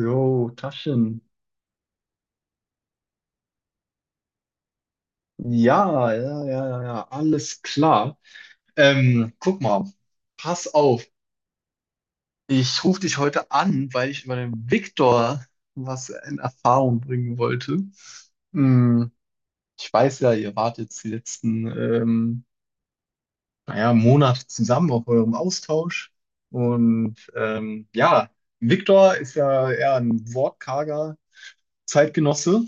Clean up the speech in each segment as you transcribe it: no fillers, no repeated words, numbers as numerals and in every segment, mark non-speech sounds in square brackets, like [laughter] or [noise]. Jo, Taschen. Ja, ja, ja, ja, ja, alles klar. Guck mal, pass auf. Ich rufe dich heute an, weil ich über den Viktor was in Erfahrung bringen wollte. Hm, ich weiß ja, ihr wart jetzt die letzten, naja, Monate zusammen auf eurem Austausch. Und ja, Viktor ist ja eher ein wortkarger Zeitgenosse.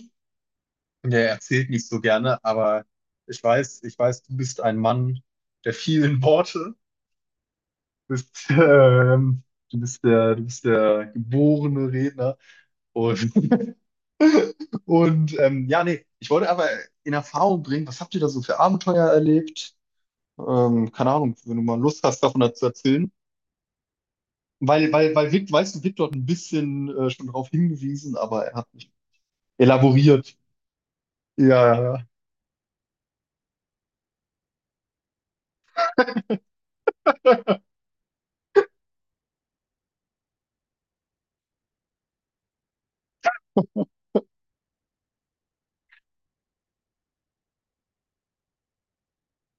Der erzählt nicht so gerne, aber ich weiß, du bist ein Mann der vielen Worte. Du bist, [laughs] du bist du bist der geborene Redner. Und, [laughs] und ja, nee, ich wollte aber in Erfahrung bringen, was habt ihr da so für Abenteuer erlebt? Keine Ahnung, wenn du mal Lust hast, davon zu erzählen. Weil Vic, weißt du, Vic dort ein bisschen schon drauf hingewiesen, aber er hat nicht elaboriert. Ja, ja, ja.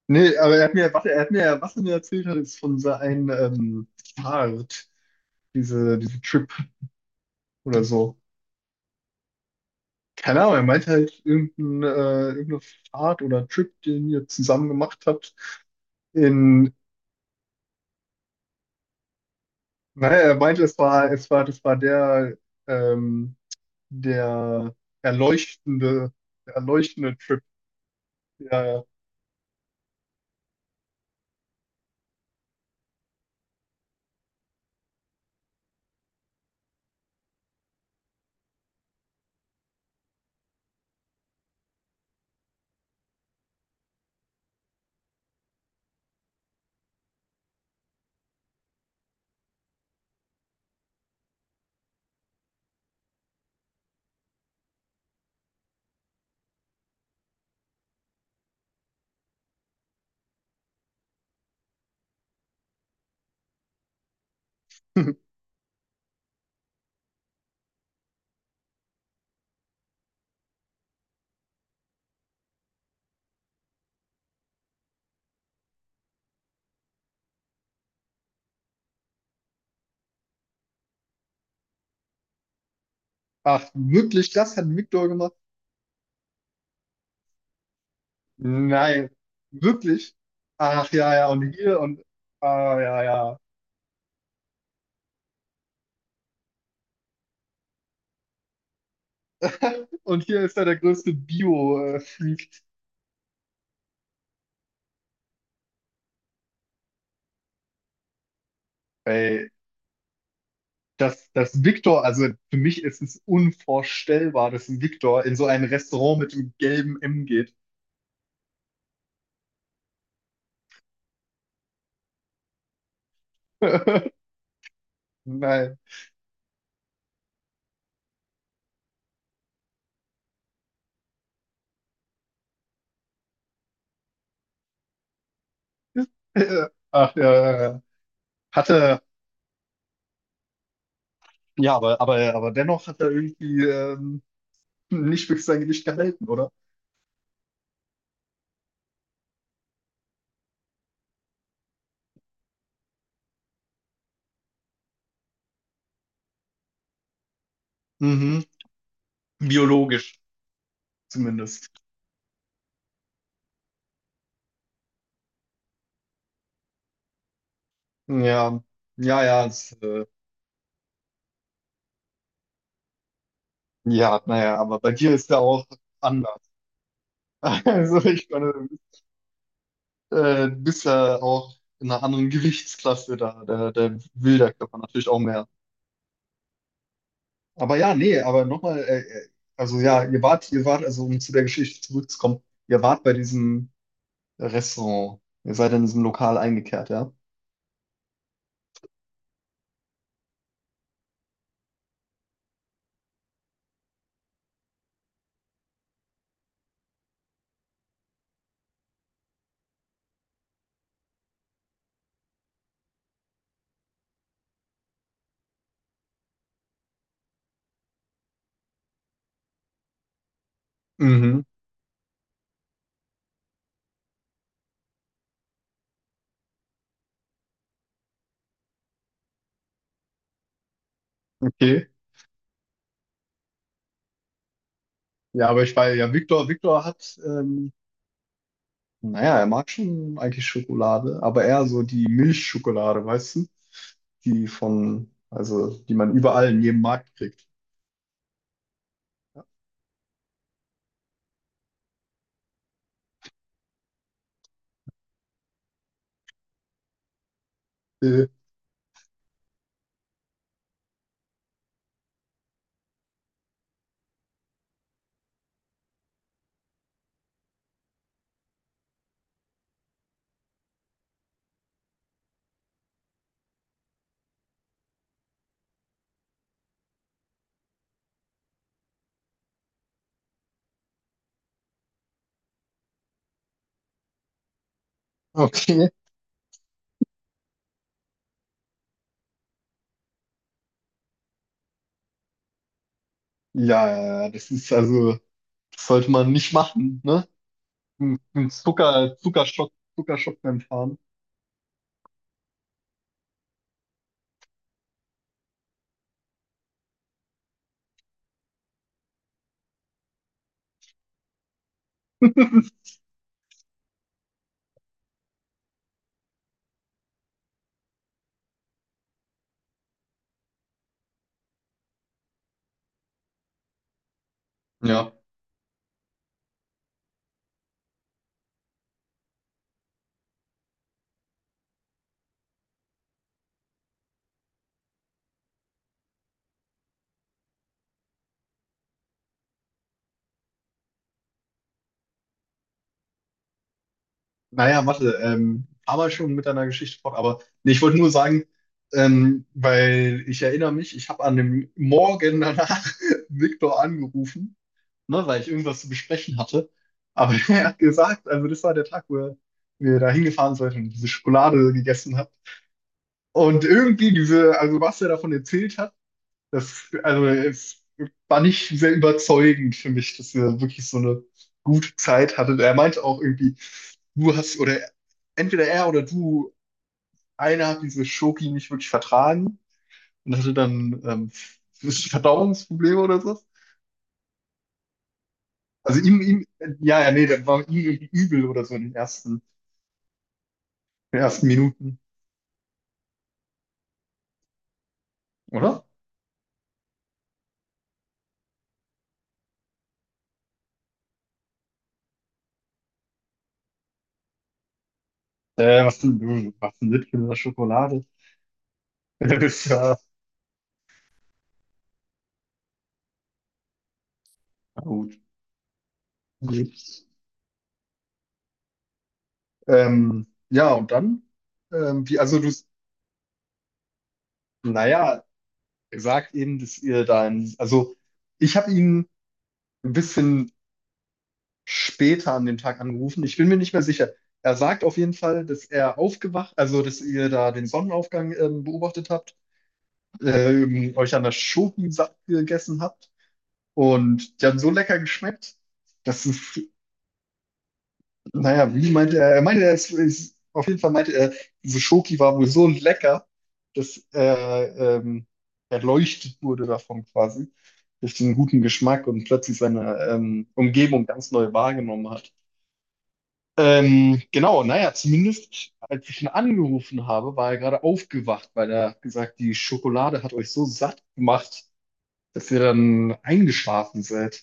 Nee, aber er hat mir, was er mir erzählt hat, ist von seinem Fahrt, diese Trip oder so. Keine Ahnung, er meinte halt irgendein, irgendeine Fahrt oder Trip, den ihr zusammen gemacht habt. In, naja, er meinte, das war der, ähm, der erleuchtende, der erleuchtende Trip. Ja, ja. [laughs] Ach, wirklich, das hat Victor gemacht? Nein, wirklich? Ach ja, ja, und hier und, ah, ja, ja. Und hier ist er der größte Bio-Freak. Ey, dass Victor, also für mich ist es unvorstellbar, dass ein Victor in so ein Restaurant mit dem gelben M geht. [laughs] Nein. Ach ja, ja, ja. Hatte, ja, aber dennoch hat er irgendwie nicht wirklich sein Gewicht gehalten, oder? Mhm. Biologisch zumindest. Ja, ja, ja, das, ja, naja, aber bei dir ist er auch anders. [laughs] Also ich meine, du bist ja auch in einer anderen [laughs] Gewichtsklasse da. Der will der Körper natürlich auch mehr. Aber ja, nee, aber nochmal, also ja, ihr wart, also um zu der Geschichte zurückzukommen, ihr wart bei diesem Restaurant. Ihr seid in diesem Lokal eingekehrt, ja? Mhm, okay. Ja, aber ich war ja, Viktor hat, naja, er mag schon eigentlich Schokolade, aber eher so die Milchschokolade, weißt du? Die von, also, die man überall in jedem Markt kriegt. Äh, okay. Ja, das ist also, das sollte man nicht machen, ne? Ein Zuckerschock, Zuckerschock beim Fahren. [laughs] Ja. Naja, warte, aber schon mit deiner Geschichte fort, aber nee, ich wollte nur sagen, weil ich erinnere mich, ich habe an dem Morgen danach [laughs] Viktor angerufen, ne, weil ich irgendwas zu besprechen hatte. Aber [laughs] er hat gesagt, also das war der Tag, wo wir da hingefahren sind und diese Schokolade gegessen hat. Und irgendwie diese, also was er davon erzählt hat, das, also, es war nicht sehr überzeugend für mich, dass wir wirklich so eine gute Zeit hatten. Er meinte auch irgendwie, du hast, oder entweder er oder du, einer hat diese Schoki nicht wirklich vertragen und hatte dann Verdauungsprobleme oder so. Also ihm, ja, ja, nee, das war ihm irgendwie übel oder so in den ersten Minuten, oder? Was denn, du machst ein Littchen in der Schokolade? [laughs] Das ist ja, na gut. Okay. Ja, und dann, wie, also du, naja, er sagt eben, dass ihr da in, also ich habe ihn ein bisschen später an dem Tag angerufen. Ich bin mir nicht mehr sicher. Er sagt auf jeden Fall, dass er aufgewacht, also dass ihr da den Sonnenaufgang beobachtet habt, euch an der Schoki satt gegessen habt und die haben so lecker geschmeckt, dass es naja, wie meinte er? Er meinte, auf jeden Fall meinte er, diese Schoki war wohl so lecker, dass er erleuchtet wurde davon quasi, durch den guten Geschmack und plötzlich seine Umgebung ganz neu wahrgenommen hat. Genau, naja, zumindest als ich ihn angerufen habe, war er gerade aufgewacht, weil er hat gesagt, die Schokolade hat euch so satt gemacht, dass ihr dann eingeschlafen seid.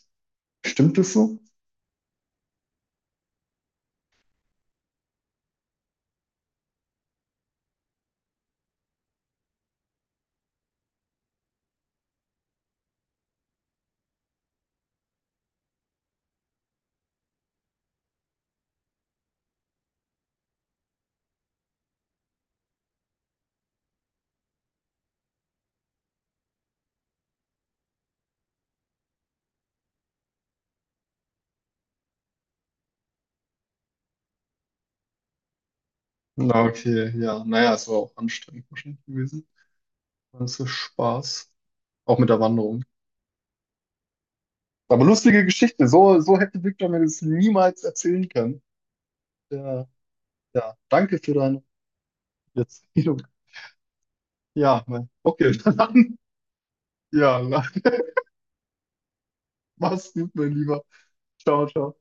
Stimmt das so? Na, okay, ja, naja, es war auch anstrengend wahrscheinlich gewesen. Das ist Spaß. Auch mit der Wanderung. Aber lustige Geschichte. So, so hätte Victor mir das niemals erzählen können. Ja, ja. Danke für deine Erzählung. Ja, mein- okay, [laughs] dann. Ja, mach's gut, mein Lieber. Ciao, ciao.